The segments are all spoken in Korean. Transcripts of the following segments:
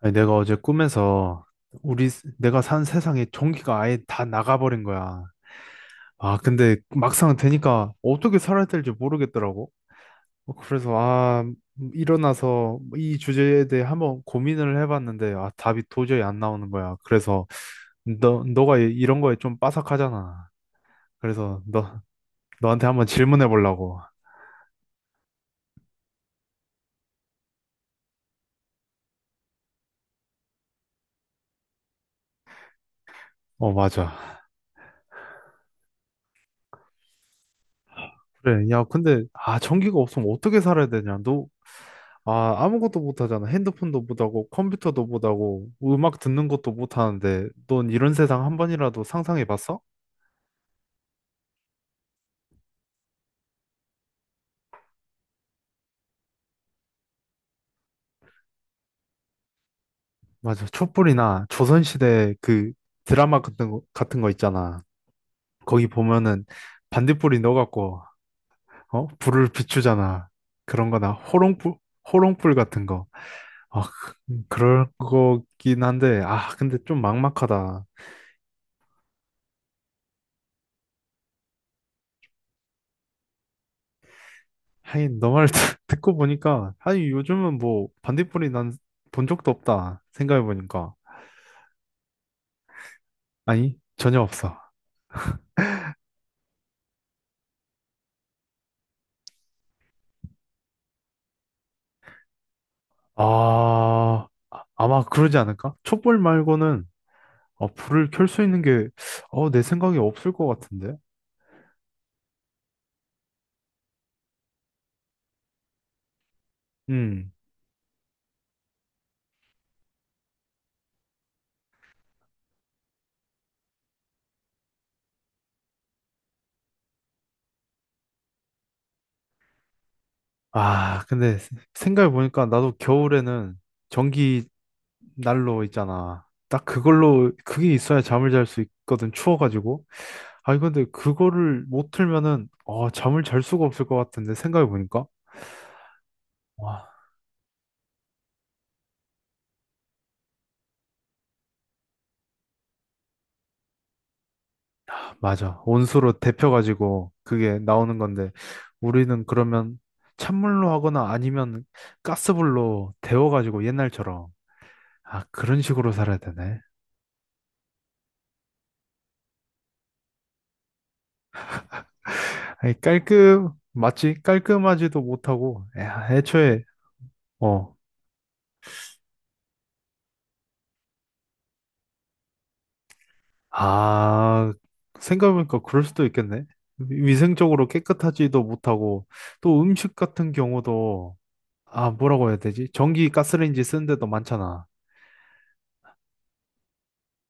아니, 내가 어제 꿈에서 내가 산 세상에 전기가 아예 다 나가버린 거야. 근데 막상 되니까 어떻게 살아야 될지 모르겠더라고. 그래서 일어나서 이 주제에 대해 한번 고민을 해봤는데 답이 도저히 안 나오는 거야. 그래서 이런 거에 좀 빠삭하잖아. 그래서 너 너한테 한번 질문해 보려고. 어, 맞아. 그래. 야, 근데 전기가 없으면 어떻게 살아야 되냐? 너 아, 아무것도 못하잖아. 핸드폰도 못하고, 컴퓨터도 못하고, 음악 듣는 것도 못하는데, 넌 이런 세상 한 번이라도 상상해 봤어? 맞아. 촛불이나 조선시대 그 드라마 같은 거 있잖아. 거기 보면은 반딧불이 넣어갖고, 어? 불을 비추잖아. 그런 거나 호롱불, 호롱불 같은 거. 아, 그- 그럴 거긴 한데, 근데 좀 막막하다. 하긴, 너말 듣고 보니까, 하긴 요즘은 뭐 반딧불이 난 본 적도 없다. 생각해 보니까. 아니, 전혀 없어. 아마 그러지 않을까? 촛불 말고는 불을 켤 수 있는 게, 내 생각에 없을 것 같은데? 음. 근데 생각해보니까 나도 겨울에는 전기 난로 있잖아. 딱 그게 있어야 잠을 잘 수 있거든, 추워가지고. 아니, 근데 그거를 못 틀면은, 어, 잠을 잘 수가 없을 것 같은데, 생각해보니까. 맞아. 온수로 데펴가지고 그게 나오는 건데 우리는 그러면 찬물로 하거나 아니면 가스불로 데워가지고 옛날처럼 아 그런 식으로 살아야 되네. 아니, 깔끔 맞지? 깔끔하지도 못하고 야, 애초에 어. 아 생각해보니까 그럴 수도 있겠네. 위생적으로 깨끗하지도 못하고 또 음식 같은 경우도 아 뭐라고 해야 되지? 전기 가스레인지 쓰는 데도 많잖아.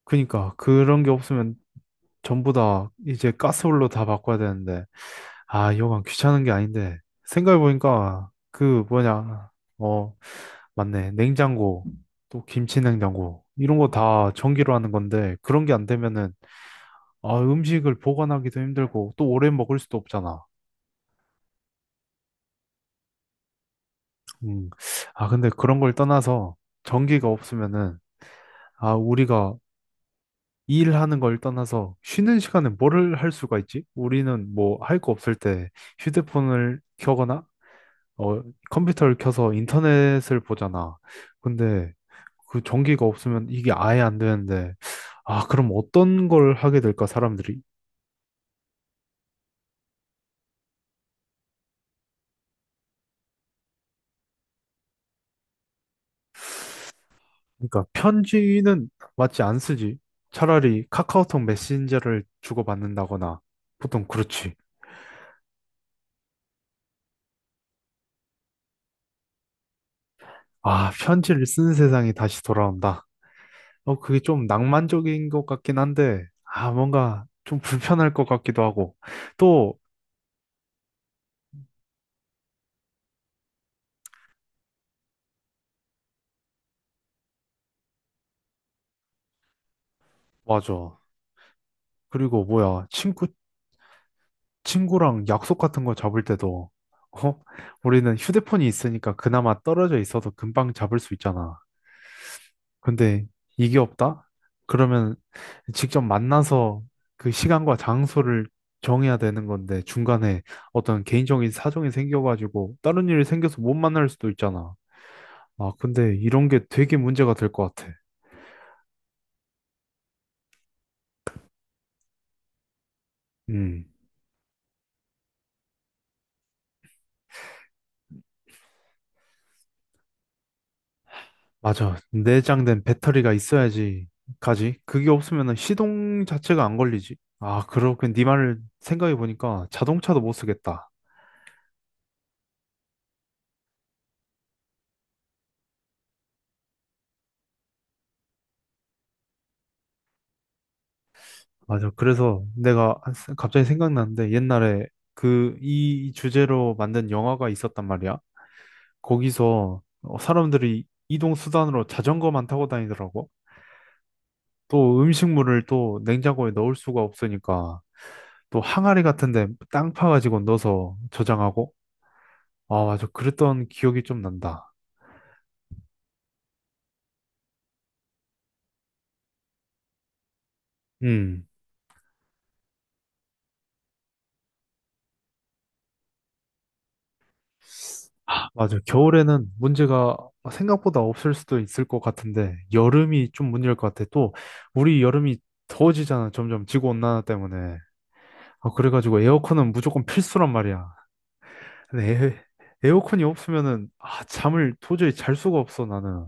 그니까 그런 게 없으면 전부 다 이제 가스불로 다 바꿔야 되는데, 아, 이거만 귀찮은 게 아닌데, 생각해보니까, 그, 뭐냐, 어, 맞네. 냉장고, 또 김치 냉장고, 이런 거 다 전기로 하는 건데, 그런 게 안 되면은, 음식을 보관하기도 힘들고, 또 오래 먹을 수도 없잖아. 음. 근데 그런 걸 떠나서, 전기가 없으면은, 우리가 일하는 걸 떠나서, 쉬는 시간에 뭐를 할 수가 있지? 우리는 뭐, 할 거 없을 때, 휴대폰을 켜거나, 어, 컴퓨터를 켜서 인터넷을 보잖아. 근데 그 전기가 없으면 이게 아예 안 되는데, 그럼 어떤 걸 하게 될까, 사람들이? 그러니까 편지는 맞지 안 쓰지. 차라리 카카오톡 메신저를 주고받는다거나, 보통 그렇지. 편지를 쓰는 세상이 다시 돌아온다. 어, 그게 좀 낭만적인 것 같긴 한데, 아, 뭔가 좀 불편할 것 같기도 하고. 또, 맞아. 그리고 뭐야, 친구랑 약속 같은 거 잡을 때도 어? 우리는 휴대폰이 있으니까 그나마 떨어져 있어도 금방 잡을 수 있잖아. 근데 이게 없다? 그러면 직접 만나서 그 시간과 장소를 정해야 되는 건데 중간에 어떤 개인적인 사정이 생겨가지고 다른 일이 생겨서 못 만날 수도 있잖아. 근데 이런 게 되게 문제가 될 것 같아. 음. 맞아. 내장된 배터리가 있어야지 가지. 그게 없으면 시동 자체가 안 걸리지. 아, 그렇군. 네 말을 생각해 보니까 자동차도 못 쓰겠다. 맞아. 그래서 갑자기 생각났는데 옛날에 그 이 주제로 만든 영화가 있었단 말이야. 거기서 어, 사람들이 이동 수단으로 자전거만 타고 다니더라고. 또 음식물을 또 냉장고에 넣을 수가 없으니까 또 항아리 같은 데 땅 파가지고 넣어서 저장하고. 아, 맞아. 그랬던 기억이 좀 난다. 음, 아, 맞아. 겨울에는 문제가 생각보다 없을 수도 있을 것 같은데, 여름이 좀 문제일 것 같아. 또, 우리 여름이 더워지잖아. 점점 지구온난화 때문에. 그래가지고 에어컨은 무조건 필수란 말이야. 근데 어컨이 없으면은, 아, 잠을 도저히 잘 수가 없어, 나는.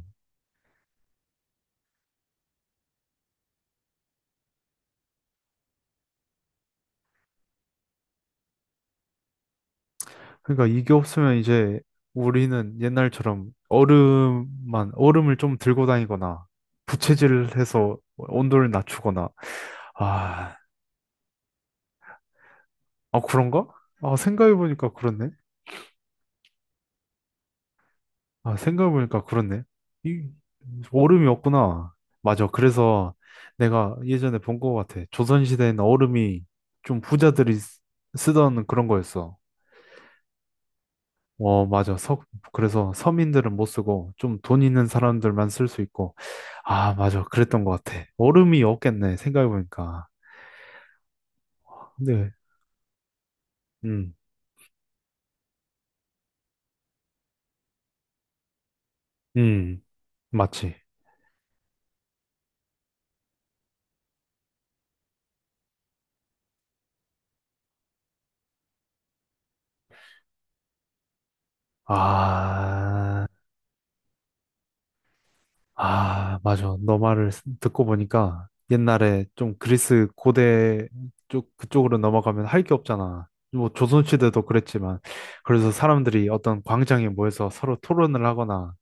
그러니까 이게 없으면 이제 우리는 옛날처럼 얼음을 좀 들고 다니거나, 부채질을 해서 온도를 낮추거나, 아, 아, 그런가? 아, 생각해보니까 그렇네. 아, 생각해보니까 그렇네. 이, 얼음이 없구나. 맞아. 그래서 내가 예전에 본 것 같아. 조선시대에는 얼음이 좀 부자들이 쓰던 그런 거였어. 어, 맞아. 서, 그래서 서민들은 못 쓰고 좀 돈 있는 사람들만 쓸 수 있고. 아, 맞아. 그랬던 것 같아. 얼음이 없겠네. 생각해보니까. 근데, 음, 음, 맞지. 아. 아, 맞아. 듣고 보니까 옛날에 좀 그리스 고대 쪽, 그쪽으로 넘어가면 할 게 없잖아. 뭐 조선시대도 그랬지만. 그래서 사람들이 어떤 광장에 모여서 서로 토론을 하거나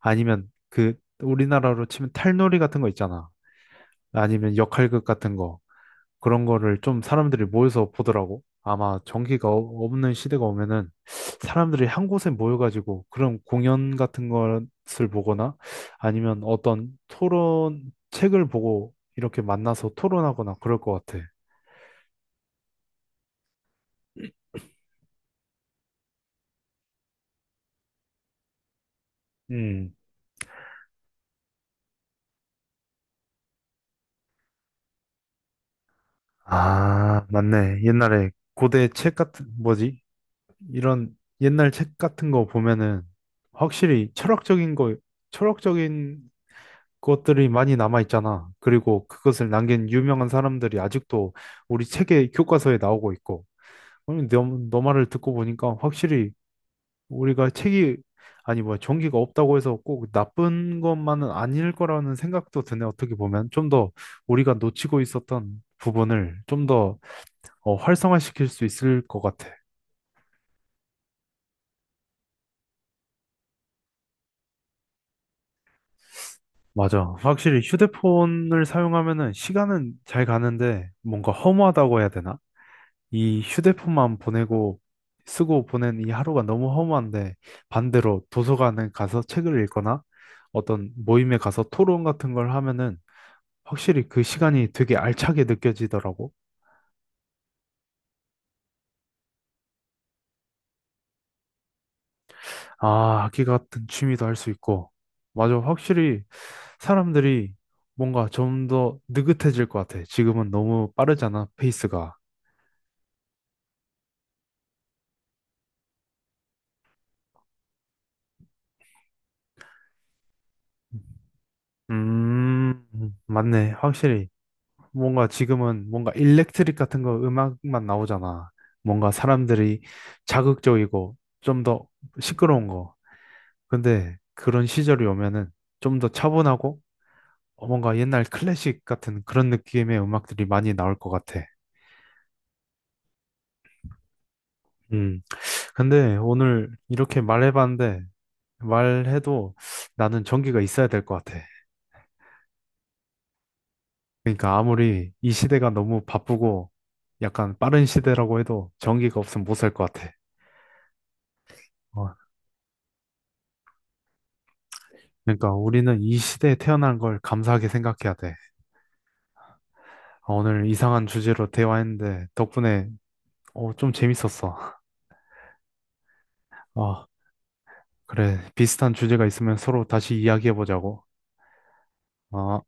아니면 그 우리나라로 치면 탈놀이 같은 거 있잖아. 아니면 역할극 같은 거. 그런 거를 좀 사람들이 모여서 보더라고. 아마 전기가 없는 시대가 오면은 사람들이 한 곳에 모여가지고 그런 공연 같은 것을 보거나 아니면 어떤 토론 책을 보고 이렇게 만나서 토론하거나 그럴 것 같아. 음. 아, 맞네. 옛날에 고대 책 같은, 뭐지? 이런 옛날 책 같은 거 보면은 확실히 철학적인 것들이 많이 남아 있잖아. 그리고 그것을 남긴 유명한 사람들이 아직도 우리 책의 교과서에 나오고 있고. 음, 너, 너 말을 듣고 보니까 확실히 우리가 책이 아니 뭐야 종기가 없다고 해서 꼭 나쁜 것만은 아닐 거라는 생각도 드네. 어떻게 보면 좀 더 우리가 놓치고 있었던 부분을 좀더 활성화시킬 수 있을 것 같아. 맞아. 확실히 휴대폰을 사용하면은 시간은 잘 가는데 뭔가 허무하다고 해야 되나? 이 휴대폰만 보내고 쓰고 보낸 이 하루가 너무 허무한데 반대로 도서관에 가서 책을 읽거나 어떤 모임에 가서 토론 같은 걸 하면은 확실히 그 시간이 되게 알차게 느껴지더라고. 아, 악기 같은 취미도 할 수 있고. 맞아. 확실히 사람들이 뭔가 좀 더 느긋해질 것 같아. 지금은 너무 빠르잖아, 페이스가. 음, 맞네. 확실히. 뭔가 지금은 뭔가 일렉트릭 같은 거 음악만 나오잖아. 뭔가 사람들이 자극적이고 좀 더 시끄러운 거. 근데 그런 시절이 오면은 좀 더 차분하고 어, 뭔가 옛날 클래식 같은 그런 느낌의 음악들이 많이 나올 것 같아. 음. 근데 오늘 이렇게 말해봤는데 말해도 나는 전기가 있어야 될 것 같아. 그러니까 아무리 이 시대가 너무 바쁘고 약간 빠른 시대라고 해도 전기가 없으면 못 살 것 같아. 어, 그러니까 우리는 이 시대에 태어난 걸 감사하게 생각해야 돼. 오늘 이상한 주제로 대화했는데 덕분에 어, 좀 재밌었어. 아, 그래. 비슷한 주제가 있으면 서로 다시 이야기해보자고. 어.